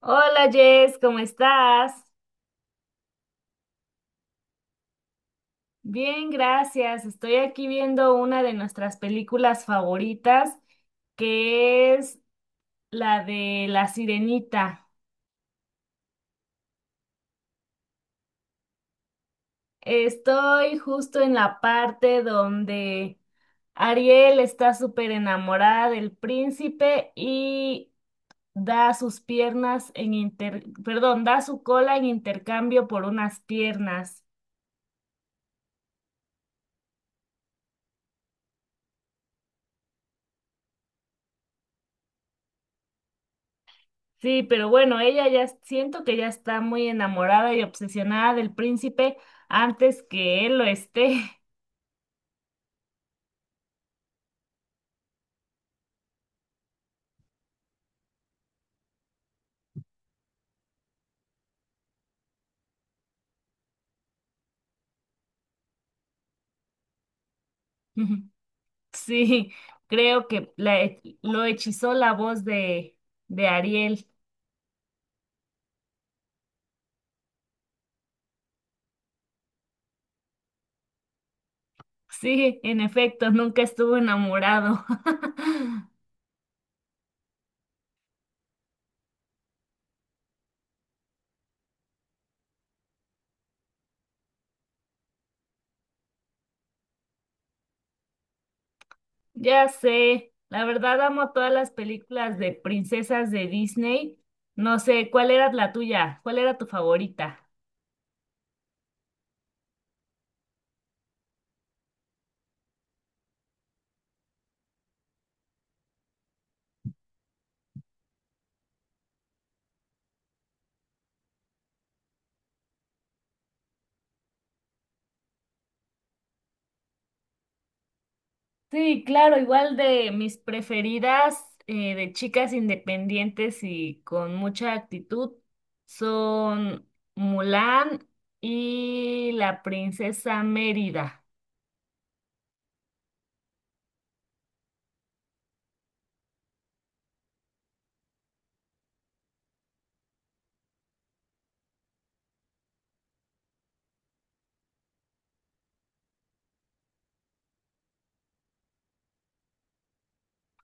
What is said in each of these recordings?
Hola Jess, ¿cómo estás? Bien, gracias. Estoy aquí viendo una de nuestras películas favoritas, que es la de La Sirenita. Estoy justo en la parte donde Ariel está súper enamorada del príncipe y da sus piernas da su cola en intercambio por unas piernas. Sí, pero bueno, siento que ya está muy enamorada y obsesionada del príncipe antes que él lo esté. Sí, creo que lo hechizó la voz de Ariel. Sí, en efecto, nunca estuvo enamorado. Ya sé, la verdad amo todas las películas de princesas de Disney. No sé, ¿cuál era la tuya? ¿Cuál era tu favorita? Sí, claro, igual de mis preferidas de chicas independientes y con mucha actitud son Mulan y la princesa Mérida.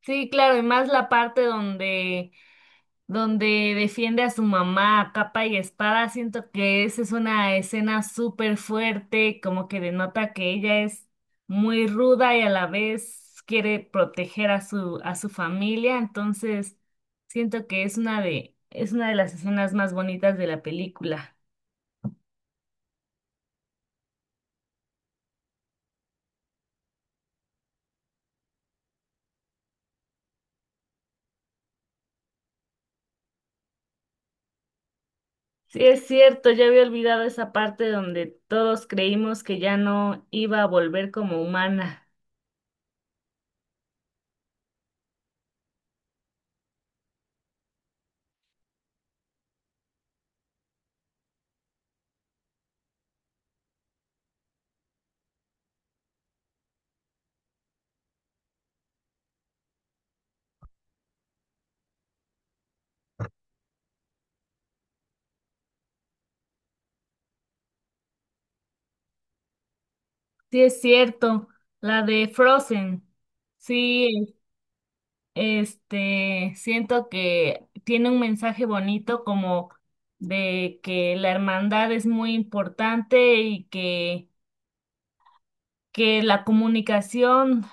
Sí, claro, y más la parte donde defiende a su mamá a capa y espada. Siento que esa es una escena súper fuerte, como que denota que ella es muy ruda y a la vez quiere proteger a a su familia. Entonces, siento que es una de las escenas más bonitas de la película. Sí, es cierto, ya había olvidado esa parte donde todos creímos que ya no iba a volver como humana. Sí, es cierto, la de Frozen. Sí. Este, siento que tiene un mensaje bonito como de que la hermandad es muy importante que la comunicación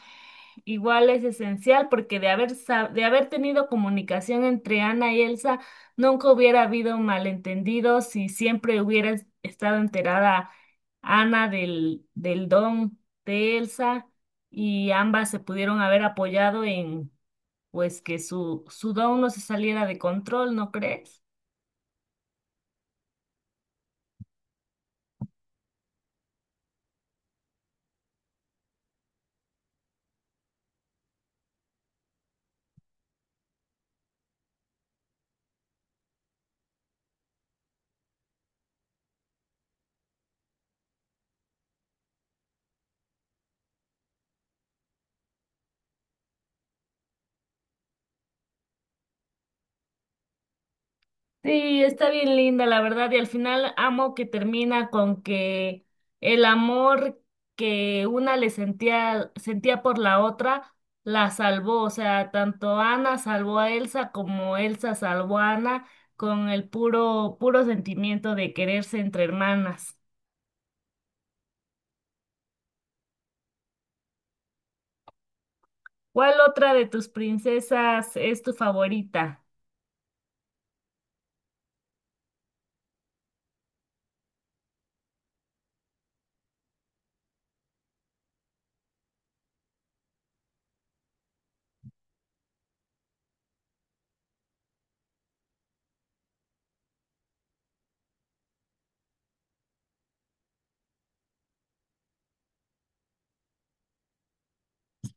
igual es esencial porque de haber tenido comunicación entre Ana y Elsa, nunca hubiera habido malentendidos y siempre hubiera estado enterada Ana del don de Elsa y ambas se pudieron haber apoyado pues que su down no se saliera de control, ¿no crees? Sí, está bien linda, la verdad, y al final amo que termina con que el amor que una sentía por la otra la salvó, o sea, tanto Ana salvó a Elsa como Elsa salvó a Ana con el puro sentimiento de quererse entre hermanas. ¿Cuál otra de tus princesas es tu favorita?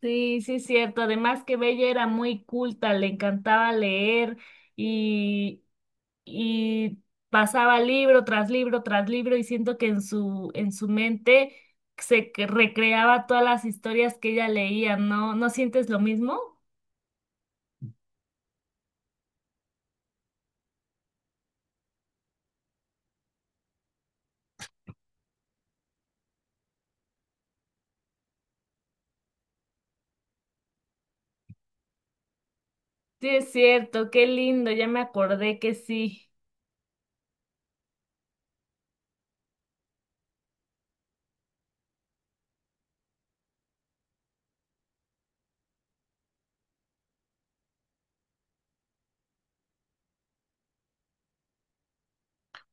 Sí, sí, es cierto. Además que Bella era muy culta, le encantaba leer y, y pasaba libro tras libro tras libro y siento que en en su mente recreaba todas las historias que ella leía, ¿no? ¿No sientes lo mismo? Sí, es cierto, qué lindo, ya me acordé que sí.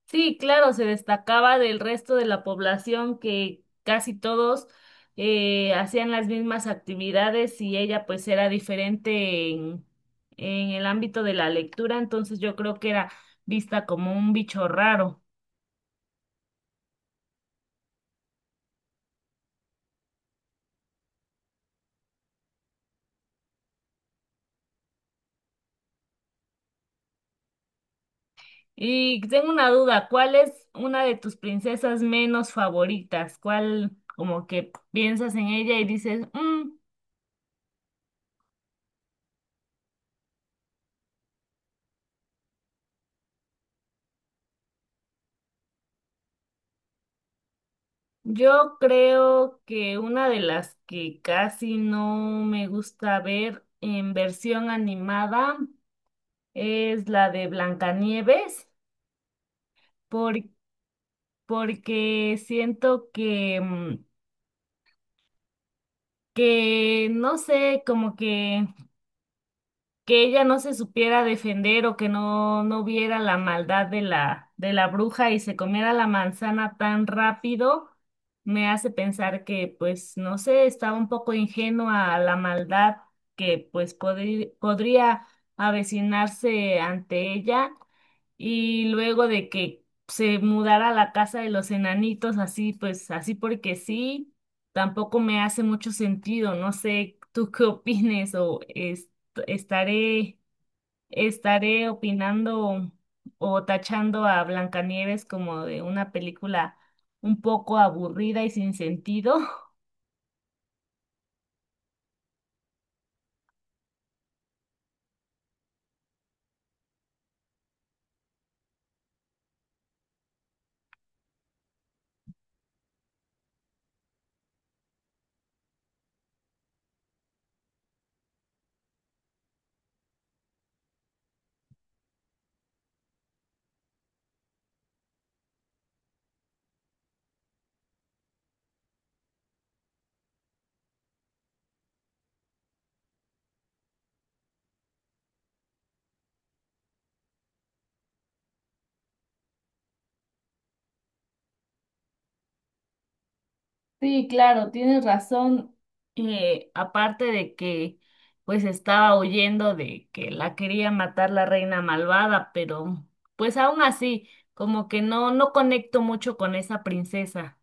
Sí, claro, se destacaba del resto de la población que casi todos hacían las mismas actividades y ella pues era diferente en el ámbito de la lectura, entonces yo creo que era vista como un bicho raro. Y tengo una duda, ¿cuál es una de tus princesas menos favoritas? ¿Cuál como que piensas en ella y dices, "Mm? Yo creo que una de las que casi no me gusta ver en versión animada es la de Blancanieves, por- porque siento que, mm, que no sé, como que ella no se supiera defender o que no viera la maldad de de la bruja y se comiera la manzana tan rápido, me hace pensar que, pues, no sé, estaba un poco ingenua a la maldad que, pues, podría avecinarse ante ella y luego de que se mudara a la casa de los enanitos, así pues, así porque sí, tampoco me hace mucho sentido. No sé, tú qué opines o estaré, estaré opinando o tachando a Blancanieves como de una película un poco aburrida y sin sentido. Sí, claro, tienes razón. Aparte de que pues estaba huyendo de que la quería matar la reina malvada, pero pues aún así, como que no, no conecto mucho con esa princesa.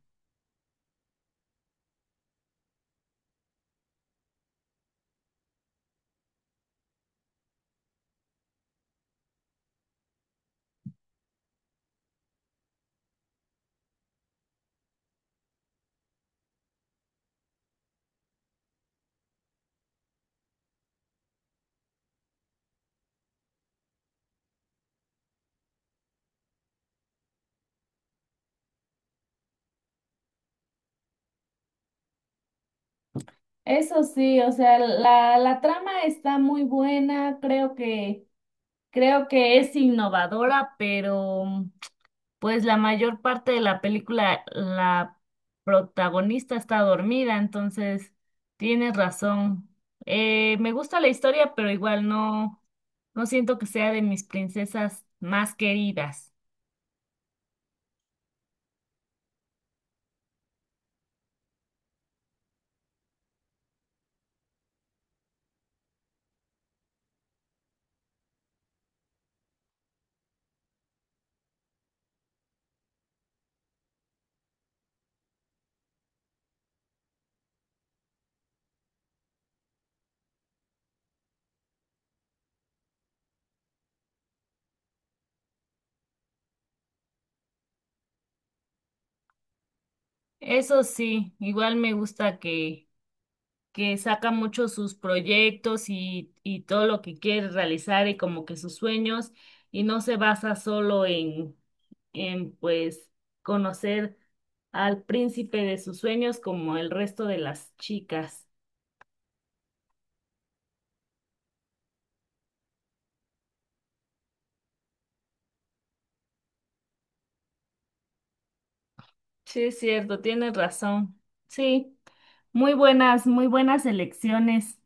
Eso sí, o sea, la trama está muy buena, creo que... Creo que es innovadora, pero pues la mayor parte de la película, la protagonista está dormida, entonces tienes razón. Me gusta la historia, pero igual no siento que sea de mis princesas más queridas. Eso sí, igual me gusta que saca mucho sus proyectos y todo lo que quiere realizar y como que sus sueños y no se basa solo en pues conocer al príncipe de sus sueños como el resto de las chicas. Sí, es cierto, tienes razón. Sí, muy buenas elecciones.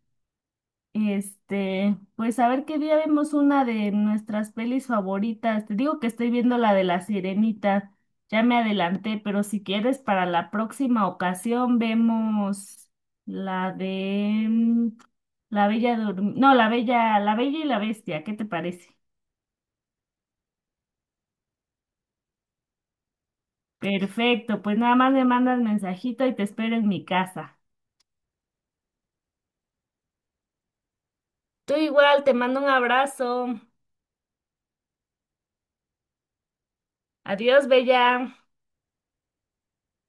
Este, pues a ver qué día vemos una de nuestras pelis favoritas. Te digo que estoy viendo la de La Sirenita. Ya me adelanté, pero si quieres, para la próxima ocasión vemos la de mm, No, la Bella y la Bestia. ¿Qué te parece? Perfecto, pues nada más me mandas mensajito y te espero en mi casa. Tú igual, te mando un abrazo. Adiós, Bella.